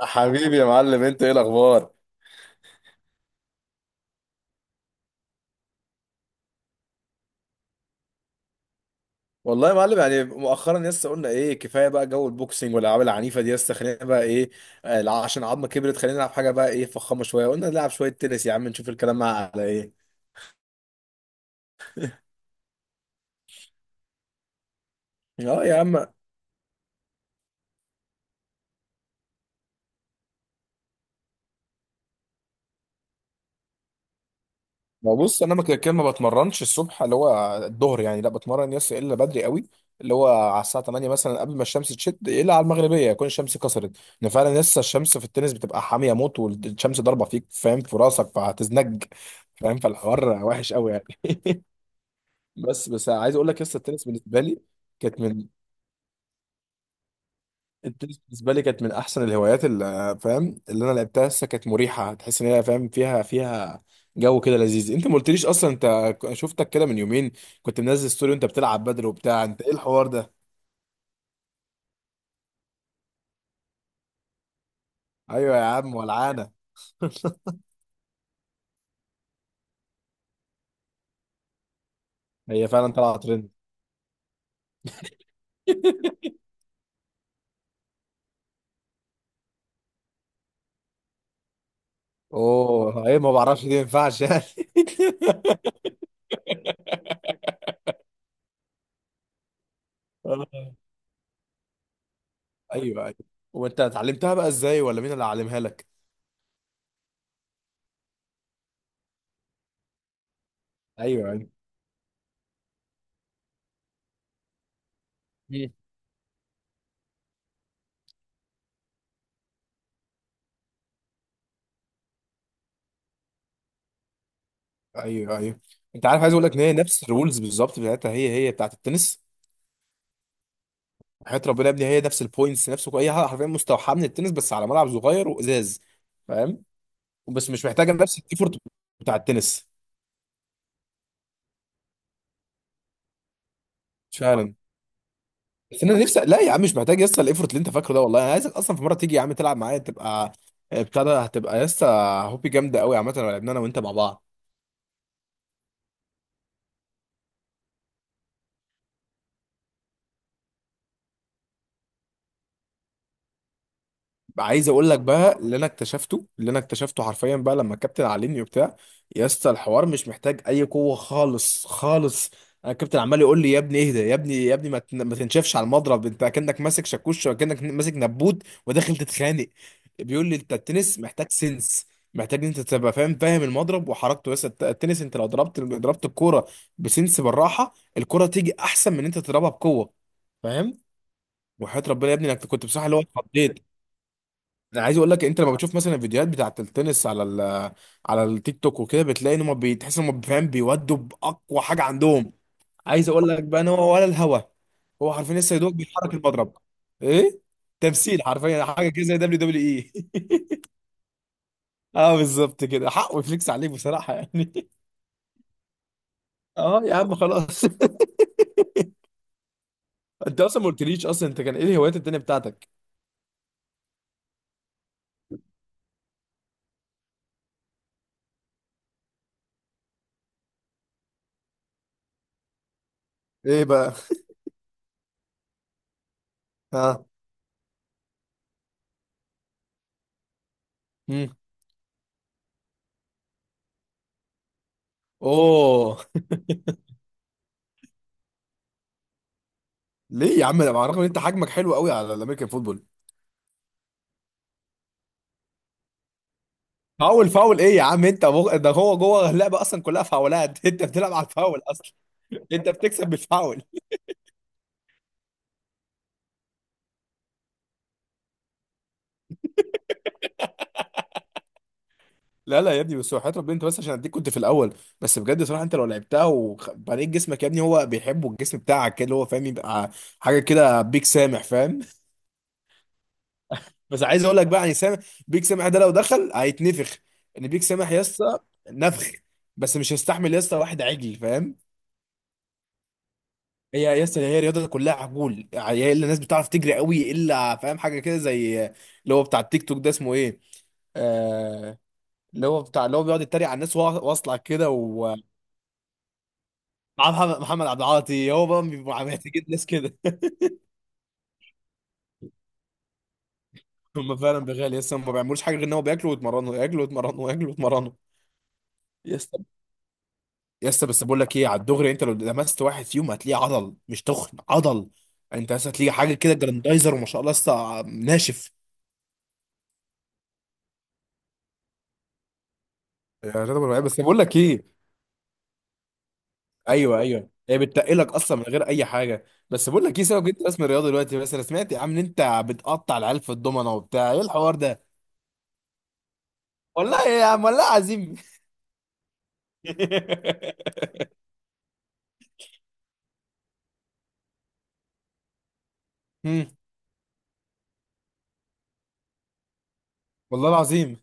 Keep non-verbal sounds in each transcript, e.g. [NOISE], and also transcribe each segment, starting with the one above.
حبيبي يا معلم، انت ايه الاخبار؟ والله يا معلم يعني مؤخرا لسه قلنا ايه كفايه بقى جو البوكسنج والالعاب العنيفه دي، لسه خلينا بقى ايه. آه، لا، عشان عظمه كبرت خلينا نلعب حاجه بقى ايه فخامه شويه، قلنا نلعب شويه تنس يا عم نشوف الكلام مع على ايه. اه يا عم. ما بص انا ما كده كده ما بتمرنش الصبح اللي هو الظهر يعني، لا بتمرن يس الا بدري قوي، اللي هو على الساعه 8 مثلا قبل ما الشمس تشد، الا على المغربيه يكون الشمس كسرت. ان فعلا لسه الشمس في التنس بتبقى حاميه موت، والشمس ضاربه فيك فاهم في راسك فهتزنج. فاهم، فالحوار وحش قوي يعني. [LAUGHS] بس عايز اقول لك لسه التنس بالنسبه لي كانت من. التنس بالنسبه لي كانت من احسن الهوايات اللي فاهم اللي انا لعبتها، لسه كانت مريحه، تحس ان هي فاهم فيها فيها جو كده لذيذ. انت ما قلتليش اصلا انت، شفتك كده من يومين كنت منزل ستوري وانت بتلعب بدل وبتاع، انت ايه الحوار ده؟ ايوه يا عم ولعانه. هي فعلا طلعت ترند. [LAUGHS] اوه، ايه ما بعرفش دي ما ينفعش يعني. [LAUGHS] آه. ايوه ايوه. وانت اتعلمتها بقى ازاي ولا مين اللي علمها لك؟ ايوه ايوه. مم. ايوه ايوه. انت عارف عايز اقول لك ان هي نفس الرولز بالظبط بتاعتها هي هي بتاعت التنس. حياة ربنا يا ابني هي نفس البوينتس نفس هي حرفيا مستوحاة من التنس بس على ملعب صغير وازاز. فاهم، بس مش محتاجة نفس الايفورت بتاع التنس. فعلا. بس انا نفسي لا يا عم، مش محتاج يسطا الايفورت اللي انت فاكره ده، والله انا عايزك اصلا في مرة تيجي يا عم تلعب معايا تبقى آه، بتاع ده هتبقى يسطا هوبي جامدة قوي عامة لو لعبنا انا وانت مع بعض. عايز اقول لك بقى اللي انا اكتشفته حرفيا بقى لما الكابتن علمني وبتاع، يا اسطى الحوار مش محتاج اي قوه خالص خالص. انا الكابتن عمال يقول لي يا ابني اهدى يا ابني يا ابني ما تنشفش على المضرب، انت كانك ماسك شاكوش وكانك ماسك نبوت وداخل تتخانق. بيقول لي انت التنس محتاج سنس، محتاج ان انت تبقى فاهم المضرب وحركته، بس التنس انت لو ضربت الكوره بسنس بالراحه الكوره تيجي احسن من ان انت تضربها بقوه. فاهم. وحياة ربنا يا ابني انك كنت بصراحه اللي هو اتخضيت. انا عايز اقول لك انت لما بتشوف مثلا الفيديوهات بتاعت التنس على على التيك توك وكده بتلاقي ان هم بتحس ان هم فاهم بيودوا باقوى حاجه عندهم. عايز اقول لك بقى ان هو ولا الهوا. هو حرفيا لسه يدوق بيحرك المضرب. ايه. تمثيل حرفيا حاجه كده زي دبليو دبليو اي. [LAUGHS] اه بالظبط كده حقه يفليكس عليك بصراحه يعني. [LAUGHS] اه يا عم خلاص. [LAUGHS] انت اصلا ما قلتليش اصلا، انت كان ايه الهوايات التانيه بتاعتك؟ ايه بقى؟ ها. مم. اوه. ليه يا عم على الرغم ان انت حجمك حلو قوي على الامريكان فوتبول؟ فاول فاول ايه يا عم انت ده هو جوه اللعبه اصلا كلها فاولات. [LAUGHS] انت بتلعب على الفاول اصلا. انت بتكسب بالفاول. لا لا يا ابني، بس وحياة ربنا انت بس عشان اديك كنت في الاول. بس بجد صراحه انت لو لعبتها وبنيت جسمك يا ابني، هو بيحبه الجسم بتاعك كده اللي هو فاهم يبقى حاجه كده بيك سامح فاهم. [LAUGHS] بس عايز اقول لك بقى يعني سامح، بيك سامح ده لو دخل هيتنفخ، ان بيك سامح يا اسطى نفخ، بس مش هيستحمل يا اسطى واحد عجل فاهم. هي يا اسطى هي الرياضه كلها عجول يعني، هي الا الناس بتعرف تجري قوي الا فاهم حاجه كده زي اللي هو بتاع التيك توك ده اسمه ايه. آه، اللي هو بتاع اللي هو بيقعد يتريق على الناس وهو واصلع كده ومعاه محمد عبد العاطي، هو بقى بيبقى محتاجين ناس كده. [LAUGHS] هم فعلا بغالي يس، هم ما بيعملوش حاجه غير ان هو بياكلوا ويتمرنوا، ياكلوا ويتمرنوا، ياكلوا ويتمرنوا. يس. يس. بس بقول لك ايه على الدغري، انت لو لمست واحد فيهم هتلاقيه عضل مش تخن عضل. انت بس هتلاقيه حاجه كده جراندايزر وما شاء الله لسه ناشف. يا رضا بقول لك ايه، بس بقول لك ايه. ايوه ايوه، هي بتتقلك اصلا من غير اي حاجه. بس بقول لك ايه سبب انت رسم الرياضه دلوقتي، بس انا سمعت يا عم ان انت بتقطع العيال في الضمنه وبتاع، ايه الحوار ده؟ والله يا عم والله عظيم. [LAUGHS] مم. والله العظيم.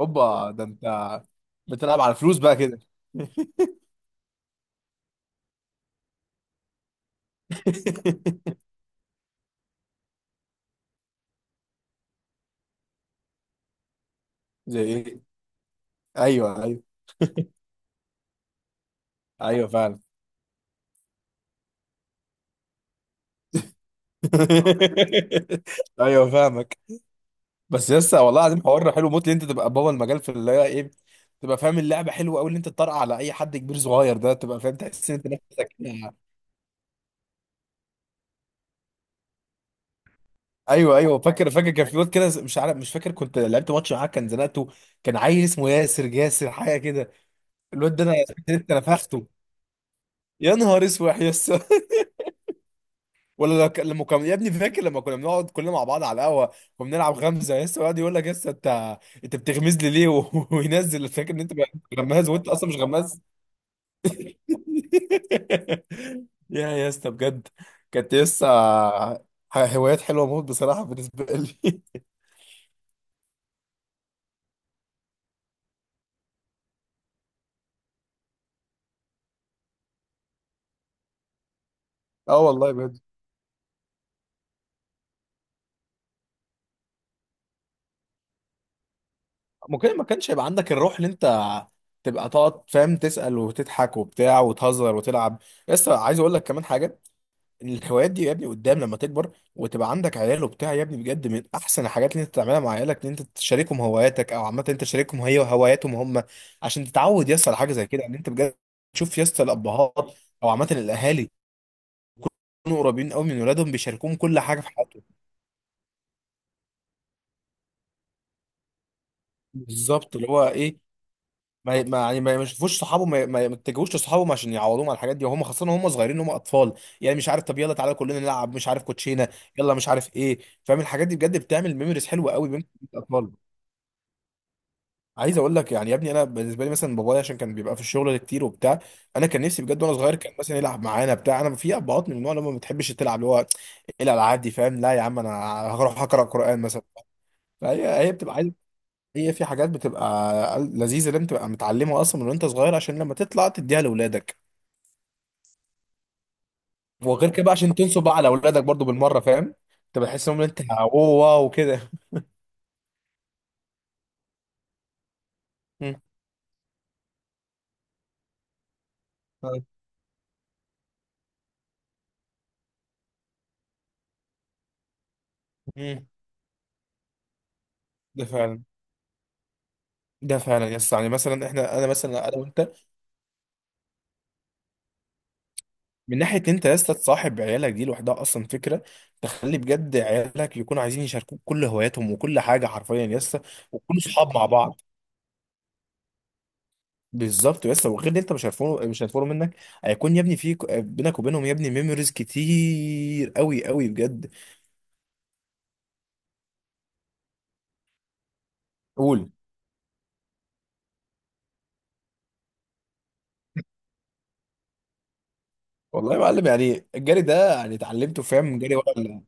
هوبا، ده انت بتلعب على الفلوس بقى كده؟ [LAUGHS] زي ايه؟ ايوه ايوه. ايوه فعلا. [LAUGHS] ايوه فاهمك. بس لسه والله العظيم حوار حلو موت ان انت تبقى بابا المجال في اللي هي ايه، تبقى فاهم اللعبه حلوه قوي ان انت تطرق على اي حد كبير صغير ده، تبقى فاهم تحس ان انت نفسك. ايوه ايوه. فاكر فاكر كان في وقت كده مش عارف مش فاكر كنت لعبت ماتش معاه كان زنقته، كان عيل اسمه ياسر جاسر حاجه كده. الواد ده انا [LAUGHS] انت نفخته. يا نهار اسود يا اسطى. [LAUGHS] ولا لما كان يا ابني فاكر لما كنا بنقعد كلنا مع بعض على القهوه وبنلعب غمزه يا اسطى يقعد يقول لك يا اسطى انت انت بتغمز لي ليه [LAUGHS] وينزل فاكر ان انت غماز وانت اصلا مش غماز. [LAUGHS] يا اسطى بجد، كانت لسه هوايات حلوه موت بصراحه بالنسبه لي. [LAUGHS] اه والله بجد. ممكن ما كانش يبقى عندك الروح اللي انت تبقى تقعد فاهم تسال وتضحك وبتاع وتهزر وتلعب. لسه عايز اقول لك كمان حاجه. إن الهوايات دي يا ابني قدام لما تكبر وتبقى عندك عيال وبتاع يا ابني، بجد من احسن الحاجات اللي انت تعملها مع عيالك ان انت تشاركهم هواياتك، او عامه انت تشاركهم هي هواياتهم هم. عشان تتعود يسطا على حاجه زي كده ان انت بجد تشوف يسطا الابهات او عامه الاهالي يكونوا قريبين قوي من ولادهم بيشاركوهم كل حاجه في حياتهم. بالظبط اللي هو ايه، ما يعني ما يشوفوش صحابهم ما يتجهوش لصحابهم عشان يعوضوهم على الحاجات دي، وهم خاصه وهم صغيرين هم اطفال. يعني مش عارف طب يلا تعالى كلنا نلعب مش عارف كوتشينه، يلا مش عارف ايه فاهم، الحاجات دي بجد بتعمل ميموريز حلوه قوي بين الاطفال. عايز اقول لك يعني يا ابني انا بالنسبه لي مثلا بابايا عشان كان بيبقى في الشغل كتير وبتاع، انا كان نفسي بجد وانا صغير كان مثلا يلعب معانا بتاع، انا في ابهات من النوع اللي هم ما بتحبش تلعب اللي هو إيه الالعاب دي فاهم. لا يا عم انا هروح اقرا قران مثلا. فهي هي بتبقى عايزه، هي في حاجات بتبقى لذيذه لازم تبقى متعلمها اصلا من وانت صغير عشان لما تطلع تديها لاولادك. وغير كده بقى عشان تنسوا بقى على اولادك برضو بالمره فاهم، تبقى تحس ان انت اوه واو كده. مم. آه. مم. ده فعلا. ده فعلا يا اسطى يعني مثلا احنا انا مثلا انا وانت، من ناحيه إن انت يا اسطى تصاحب عيالك دي لوحدها اصلا فكره. تخلي بجد عيالك يكونوا عايزين يشاركوك كل هواياتهم وكل حاجه حرفيا يا اسطى وكل صحاب مع بعض. بالظبط، بس وغير ان انت مش هيفرقوا مش هيفرقوا منك، هيكون يا ابني في بينك وبينهم يا ابني ميموريز كتير قوي قوي بجد. قول. والله يا معلم يعني الجري ده يعني اتعلمته فاهم جري ولا.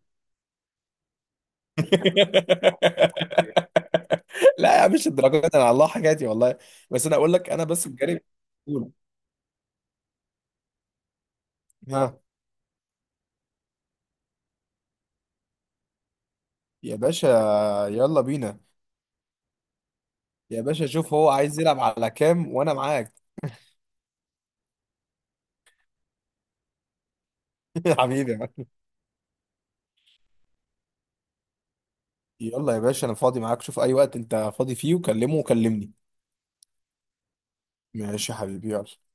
[LAUGHS] لا يا عم، مش الدرجات دي، انا على الله حكايتي والله. بس انا اقول لك انا بس الجري. قول. ها. يا باشا يلا بينا. يا باشا شوف هو عايز يلعب على كام وانا معاك. [LAUGHS] حبيبي، يلا يا باشا انا فاضي معاك شوف اي وقت انت فاضي فيه وكلمه، وكلمني. ماشي يا حبيبي يلا.